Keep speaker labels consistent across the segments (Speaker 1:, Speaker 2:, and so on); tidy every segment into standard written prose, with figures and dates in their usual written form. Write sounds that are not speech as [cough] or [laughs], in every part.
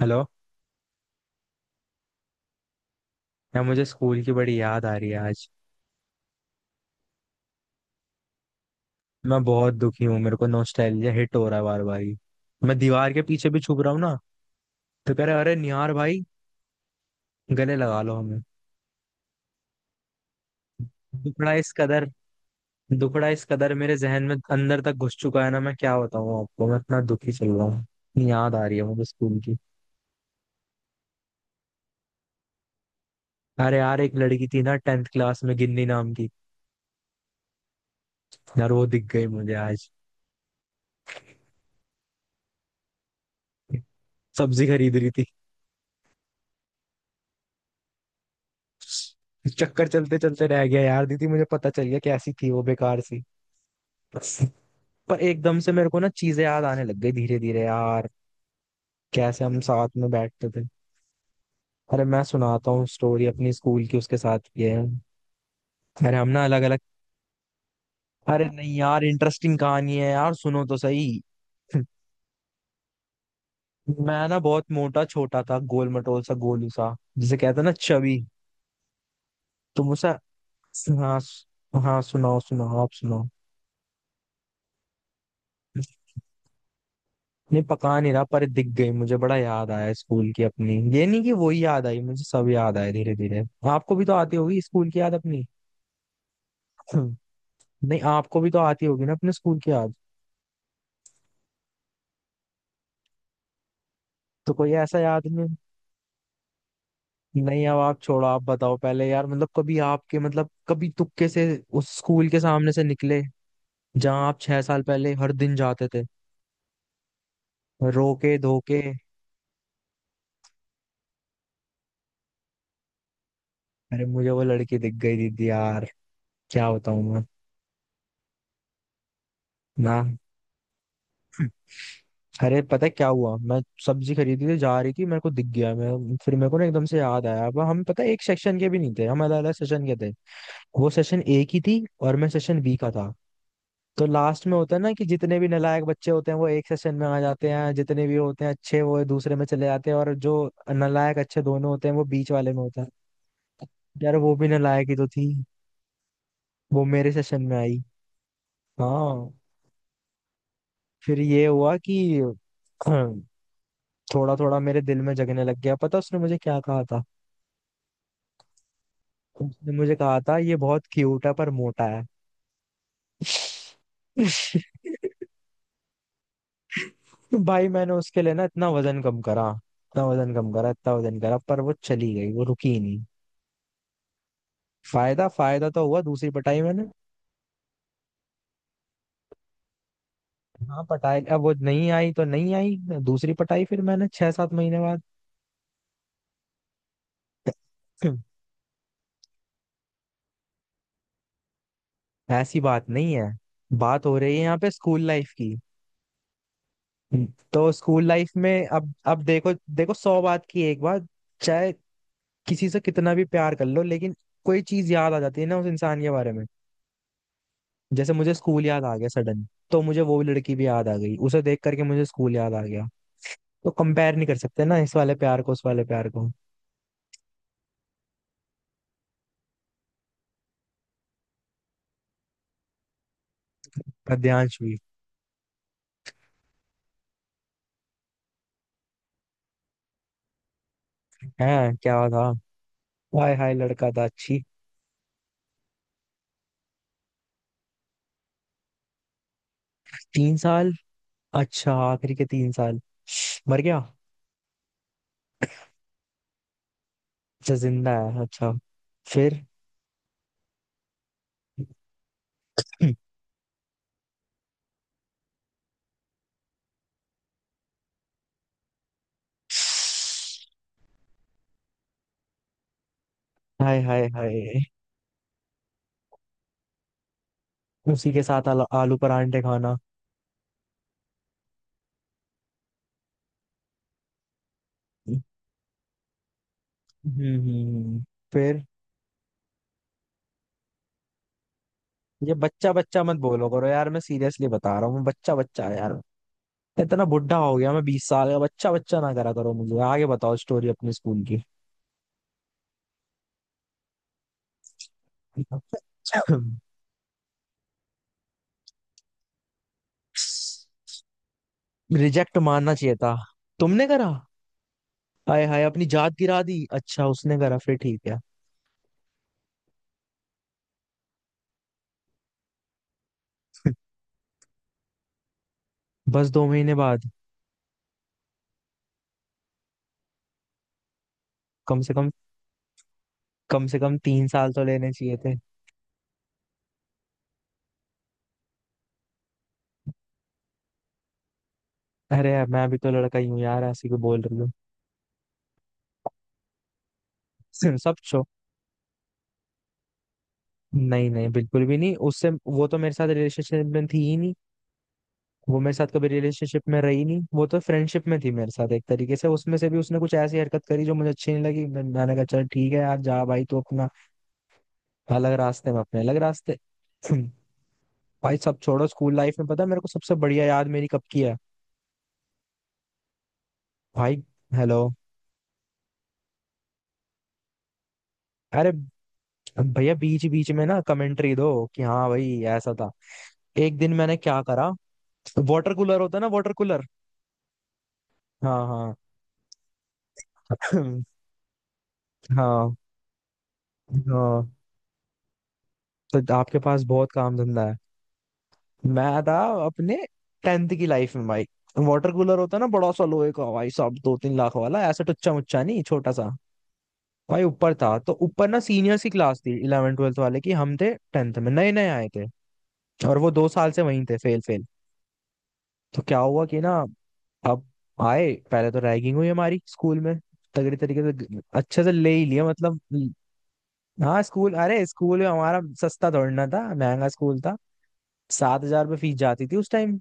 Speaker 1: Hello. यार मुझे school की बड़ी याद आ रही है आज। मैं बहुत दुखी हूँ। मेरे को नॉस्टैल्जिया हिट हो रहा है बार बार ही। मैं दीवार के पीछे भी छुप रहा हूँ ना, तो कह रहे, अरे निहार भाई गले लगा लो हमें। दुखड़ा इस कदर दुखड़ा इस कदर मेरे जहन में अंदर तक घुस चुका है ना। मैं क्या बताऊँ आपको। मैं इतना दुखी चल रहा हूँ, इतनी याद आ रही है मुझे स्कूल की। अरे यार, एक लड़की थी ना टेंथ क्लास में, गिन्नी नाम की। यार वो दिख गई मुझे आज, सब्जी खरीद रही। चक्कर चलते चलते रह गया यार। दीदी, मुझे पता चल गया कैसी थी वो, बेकार सी। पर एकदम से मेरे को ना चीजें याद आने लग गई धीरे धीरे यार, कैसे हम साथ में बैठते थे। अरे मैं सुनाता हूँ स्टोरी अपनी स्कूल की, उसके साथ ये है। अरे हम ना अलग अलग। अरे नहीं यार, इंटरेस्टिंग कहानी है यार, सुनो तो सही। मैं ना बहुत मोटा छोटा था, गोल मटोल सा, गोलू सा, जिसे कहते हैं ना चबी। तो मुझे हाँ, हाँ, सुनाओ सुनाओ, आप सुनाओ। नहीं पका नहीं रहा, पर दिख गई मुझे, बड़ा याद आया स्कूल की अपनी। ये नहीं कि वही याद आई मुझे, सब याद आए धीरे धीरे। आपको भी तो आती होगी स्कूल की याद अपनी। [laughs] [clears throat] नहीं, आपको भी तो आती होगी ना अपने स्कूल की याद। तो कोई ऐसा याद नहीं? नहीं, अब आप छोड़ो, आप बताओ पहले यार। मतलब कभी आपके मतलब कभी तुक्के से उस स्कूल के सामने से निकले जहां आप 6 साल पहले हर दिन जाते थे, रोके धोके। अरे मुझे वो लड़की दिख गई दीदी यार, क्या बताऊं मैं ना। अरे पता है क्या हुआ? मैं सब्जी खरीदी थी, जा रही थी, मेरे को दिख गया। मैं फिर मेरे को ना एकदम से याद आया। अब हम पता है एक सेक्शन के भी नहीं थे, हम अलग अलग सेशन के थे। वो सेशन ए की थी और मैं सेशन बी का था। तो लास्ट में होता है ना कि जितने भी नालायक बच्चे होते हैं वो एक सेशन में आ जाते हैं, जितने भी होते हैं अच्छे वो दूसरे में चले जाते हैं, और जो नालायक अच्छे दोनों होते हैं वो बीच वाले में होता है। यार वो भी नालायक ही तो थी, वो मेरे सेशन में आई। हाँ। फिर ये हुआ कि [clears throat] थोड़ा थोड़ा मेरे दिल में जगने लग गया। पता उसने मुझे क्या कहा था? उसने मुझे कहा था, ये बहुत क्यूट है पर मोटा है। [laughs] भाई मैंने उसके लिए ना इतना वजन कम करा, इतना वजन कम करा, इतना वजन करा, पर वो चली गई, वो रुकी नहीं। फायदा, फायदा तो हुआ। दूसरी पटाई मैंने। हाँ पटाई, अब वो नहीं आई तो नहीं आई। दूसरी पटाई फिर मैंने 6-7 महीने बाद। [clears throat] ऐसी बात नहीं है। बात हो रही है यहाँ पे स्कूल लाइफ की। तो स्कूल लाइफ में, अब देखो देखो, सौ बात की एक बात, चाहे किसी से कितना भी प्यार कर लो लेकिन कोई चीज याद आ जाती है ना उस इंसान के बारे में। जैसे मुझे स्कूल याद आ गया सडन, तो मुझे वो लड़की भी याद आ गई। उसे देख करके मुझे स्कूल याद आ गया। तो कंपेयर नहीं कर सकते ना इस वाले प्यार को उस वाले प्यार को। पद्यांश भी। है क्या था? हाय हाय लड़का था, अच्छी। 3 साल? अच्छा, आखिरी के 3 साल। मर गया? अच्छा, जिंदा है, अच्छा। फिर? [clears throat] हम्म। हाय हाय हाय, उसी के साथ आलू परांठे खाना। हम्म, हम्म, हम्म। फिर? ये बच्चा बच्चा मत बोलो करो यार, मैं सीरियसली बता रहा हूँ। बच्चा बच्चा है यार, इतना बुढ़ा हो गया। मैं 20 साल का, बच्चा बच्चा ना करा करो। मुझे आगे बताओ स्टोरी अपने स्कूल की। रिजेक्ट मानना चाहिए था। तुमने करा? हाय हाय अपनी जात गिरा दी। अच्छा, उसने करा, फिर ठीक है। बस 2 महीने बाद? कम से कम कम से कम 3 साल तो लेने चाहिए थे। अरे यार, मैं भी तो लड़का ही हूँ यार, ऐसे क्यों बोल रही हूँ। [laughs] सब छो नहीं नहीं बिल्कुल भी नहीं। उससे वो तो मेरे साथ रिलेशनशिप में थी ही नहीं। वो मेरे साथ कभी रिलेशनशिप में रही नहीं। वो तो फ्रेंडशिप में थी मेरे साथ, एक तरीके से उसमें से भी उसने कुछ ऐसी हरकत करी जो मुझे अच्छी नहीं लगी। मैंने कहा, चल ठीक है यार, जा भाई तू अपना अलग रास्ते में, अपने अलग रास्ते। [clears throat] भाई सब छोड़ो। स्कूल लाइफ में पता है मेरे को सबसे बढ़िया याद मेरी कब की है भाई? हेलो? अरे भैया बीच बीच में ना कमेंट्री दो कि हाँ भाई ऐसा था। एक दिन मैंने क्या करा, वाटर कूलर होता है ना, वाटर कूलर। हाँ, हाँ। [clears throat] [laughs] हाँ, हाँ, तो आपके पास बहुत काम धंधा है। मैं था अपने टेंथ की लाइफ में भाई। वाटर कूलर होता है ना, बड़ा सा लोहे का भाई साहब, 2-3 लाख वाला, ऐसा टुच्चा मुच्चा नहीं, छोटा सा। भाई ऊपर था तो, ऊपर ना सीनियर्स की क्लास थी, इलेवन ट्वेल्थ वाले की, हम थे टेंथ में नए नए आए थे, और वो 2 साल से वहीं थे, फेल फेल। तो क्या हुआ कि ना, अब आए पहले तो रैगिंग हुई हमारी स्कूल में, तगड़ी तरीके से, अच्छे से ले ही लिया मतलब। हाँ स्कूल, अरे स्कूल में हमारा सस्ता दौड़ना था, महंगा स्कूल था। 7,000 फीस जाती थी उस टाइम।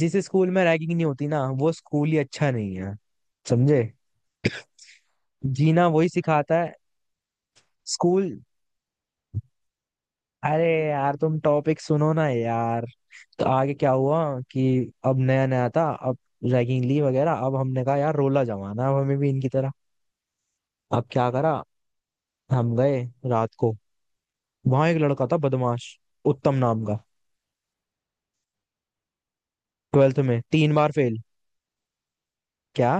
Speaker 1: जिस स्कूल में रैगिंग नहीं होती ना वो स्कूल ही अच्छा नहीं है, समझे। जीना वही सिखाता है स्कूल। अरे यार तुम टॉपिक सुनो ना यार। तो आगे क्या हुआ कि अब नया नया था, अब रैगिंग ली वगैरह। अब हमने कहा यार रोला जमाना है, अब हमें भी इनकी तरह। अब क्या करा, हम गए रात को। वहां एक लड़का था बदमाश, उत्तम नाम का, ट्वेल्थ में 3 बार फेल। क्या?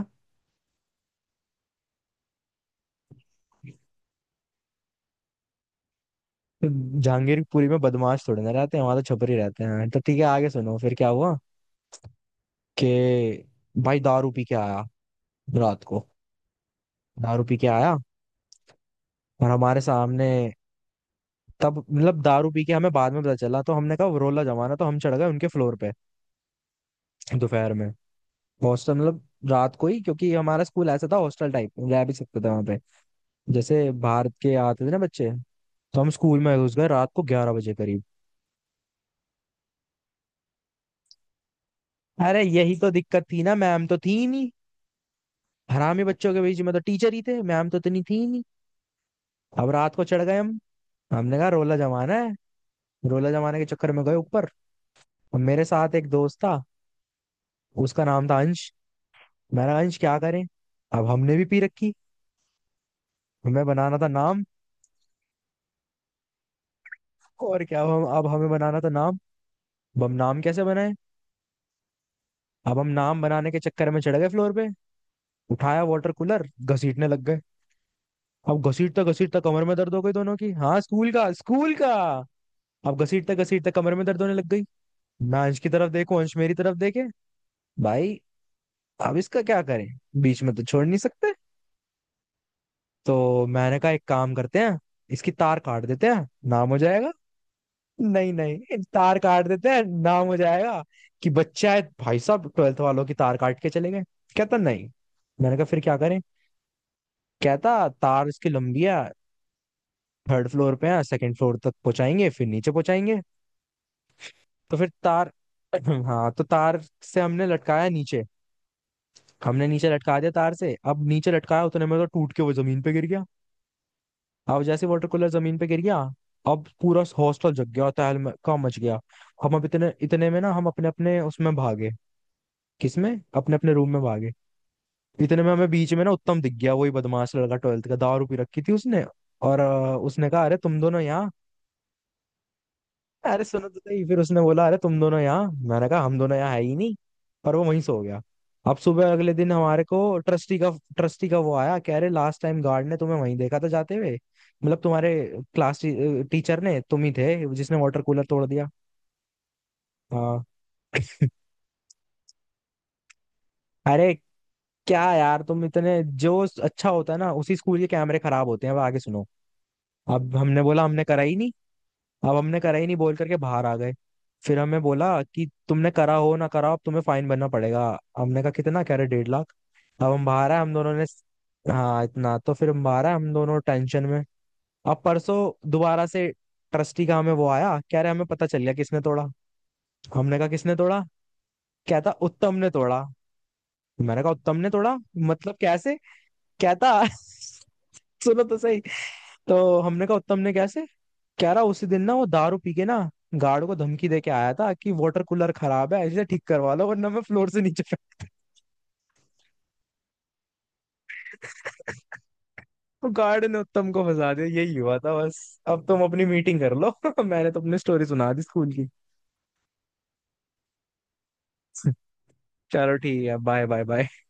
Speaker 1: जहांगीरपुरी में बदमाश थोड़े ना रहते हैं, वहां तो छपरी रहते हैं। तो ठीक है, आगे सुनो, फिर क्या हुआ कि भाई दारू पी के आया रात को, दारू पी के आया और हमारे सामने, तब मतलब दारू पी के हमें बाद में पता चला। तो हमने कहा रोला जमाना, तो हम चढ़ गए उनके फ्लोर पे दोपहर में। हॉस्टल मतलब, रात को ही, क्योंकि हमारा स्कूल ऐसा था, हॉस्टल टाइप रह भी सकते थे वहां पे, जैसे भारत के आते थे ना बच्चे। तो हम स्कूल में घुस गए रात को 11 बजे करीब। अरे यही तो दिक्कत थी ना, मैम तो थी ही नहीं, हरामी बच्चों के बीच में तो टीचर ही थे, मैम तो इतनी थी ही नहीं। अब रात को चढ़ गए हम, हमने कहा रोला जमाना है, रोला जमाने के चक्कर में गए ऊपर। और मेरे साथ एक दोस्त था, उसका नाम था अंश। मैंने कहा, अंश क्या करें? अब हमने भी पी रखी, हमें बनाना था नाम, और क्या। अब हम अब हमें बनाना था नाम, अब हम नाम कैसे बनाए। अब हम नाम बनाने के चक्कर में चढ़ गए फ्लोर पे, उठाया वाटर कूलर, घसीटने लग गए। अब घसीटता घसीटता कमर में दर्द हो गई दोनों की। हाँ स्कूल का, स्कूल का। अब घसीटते घसीटते कमर में दर्द होने लग गई। मैं अंश की तरफ देखूं, अंश मेरी तरफ देखे। भाई, अब इसका क्या करें, बीच में तो छोड़ नहीं सकते। तो मैंने कहा एक काम करते हैं, इसकी तार काट देते हैं, नाम हो जाएगा। नहीं नहीं, तार काट देते हैं, नाम हो जाएगा, कि बच्चा है भाई साहब, ट्वेल्थ वालों की तार काट के चले गए। कहता नहीं, मैंने कहा फिर क्या करें। कहता, तार इसकी लंबी है, थर्ड फ्लोर पे है, सेकंड फ्लोर तक पहुंचाएंगे फिर नीचे पहुंचाएंगे। तो फिर तार [clears throat] हाँ, तो तार से हमने लटकाया नीचे, हमने नीचे लटका दिया तार से। अब नीचे लटकाया, उतने में तो टूट के वो जमीन पे गिर गया। अब जैसे वाटर कूलर जमीन पे गिर गया, अब पूरा हॉस्टल जग गया, तहलका मच गया। हम अब इतने इतने में ना हम अपने अपने उसमें भागे, किसमें? अपने अपने रूम में भागे। इतने में हमें बीच में ना उत्तम दिख गया, वही बदमाश लड़का ट्वेल्थ का, दारू पी रखी थी उसने। और उसने कहा, अरे तुम दोनों यहाँ। अरे सुनो तो सही। फिर उसने बोला, अरे तुम दोनों यहाँ। मैंने कहा हम दोनों यहाँ है ही नहीं। और वो वहीं सो गया। अब सुबह अगले दिन हमारे को ट्रस्टी का वो आया, कह रहे लास्ट टाइम गार्ड ने तुम्हें वहीं देखा था जाते हुए, मतलब तुम्हारे क्लास टीचर ने, तुम ही थे जिसने वाटर कूलर तोड़ दिया। हाँ। अरे क्या यार, तुम इतने जो अच्छा होता है ना उसी स्कूल के कैमरे खराब होते हैं। अब आगे सुनो, अब हमने बोला हमने कराई नहीं। अब हमने कराई नहीं बोल करके बाहर आ गए। फिर हमें बोला कि तुमने करा हो ना करा हो, अब तुम्हें फाइन भरना पड़ेगा। हमने कहा कितना, कह रहे 1.5 लाख। अब हम बाहर आए हम दोनों ने, हाँ इतना तो। फिर हम बाहर आए हम दोनों टेंशन में। अब परसों दोबारा से ट्रस्टी का हमें वो आया, कह रहे हमें पता चल गया किसने तोड़ा। हमने कहा किसने तोड़ा? कहता उत्तम ने तोड़ा। मैंने कहा उत्तम ने तोड़ा? मतलब कैसे? कहता [laughs] सुनो तो सही। तो हमने कहा उत्तम ने कैसे। कह रहा उसी दिन ना वो दारू पी के ना, गार्ड को धमकी दे के आया था कि वाटर कूलर खराब है इसे ठीक करवा लो वरना मैं फ्लोर से नीचे फेंक। [laughs] तो गार्ड ने उत्तम को फंसा दिया, यही हुआ था बस। अब तुम अपनी मीटिंग कर लो। [laughs] मैंने तो अपनी स्टोरी सुना दी स्कूल की। [laughs] चलो ठीक है, बाय बाय बाय।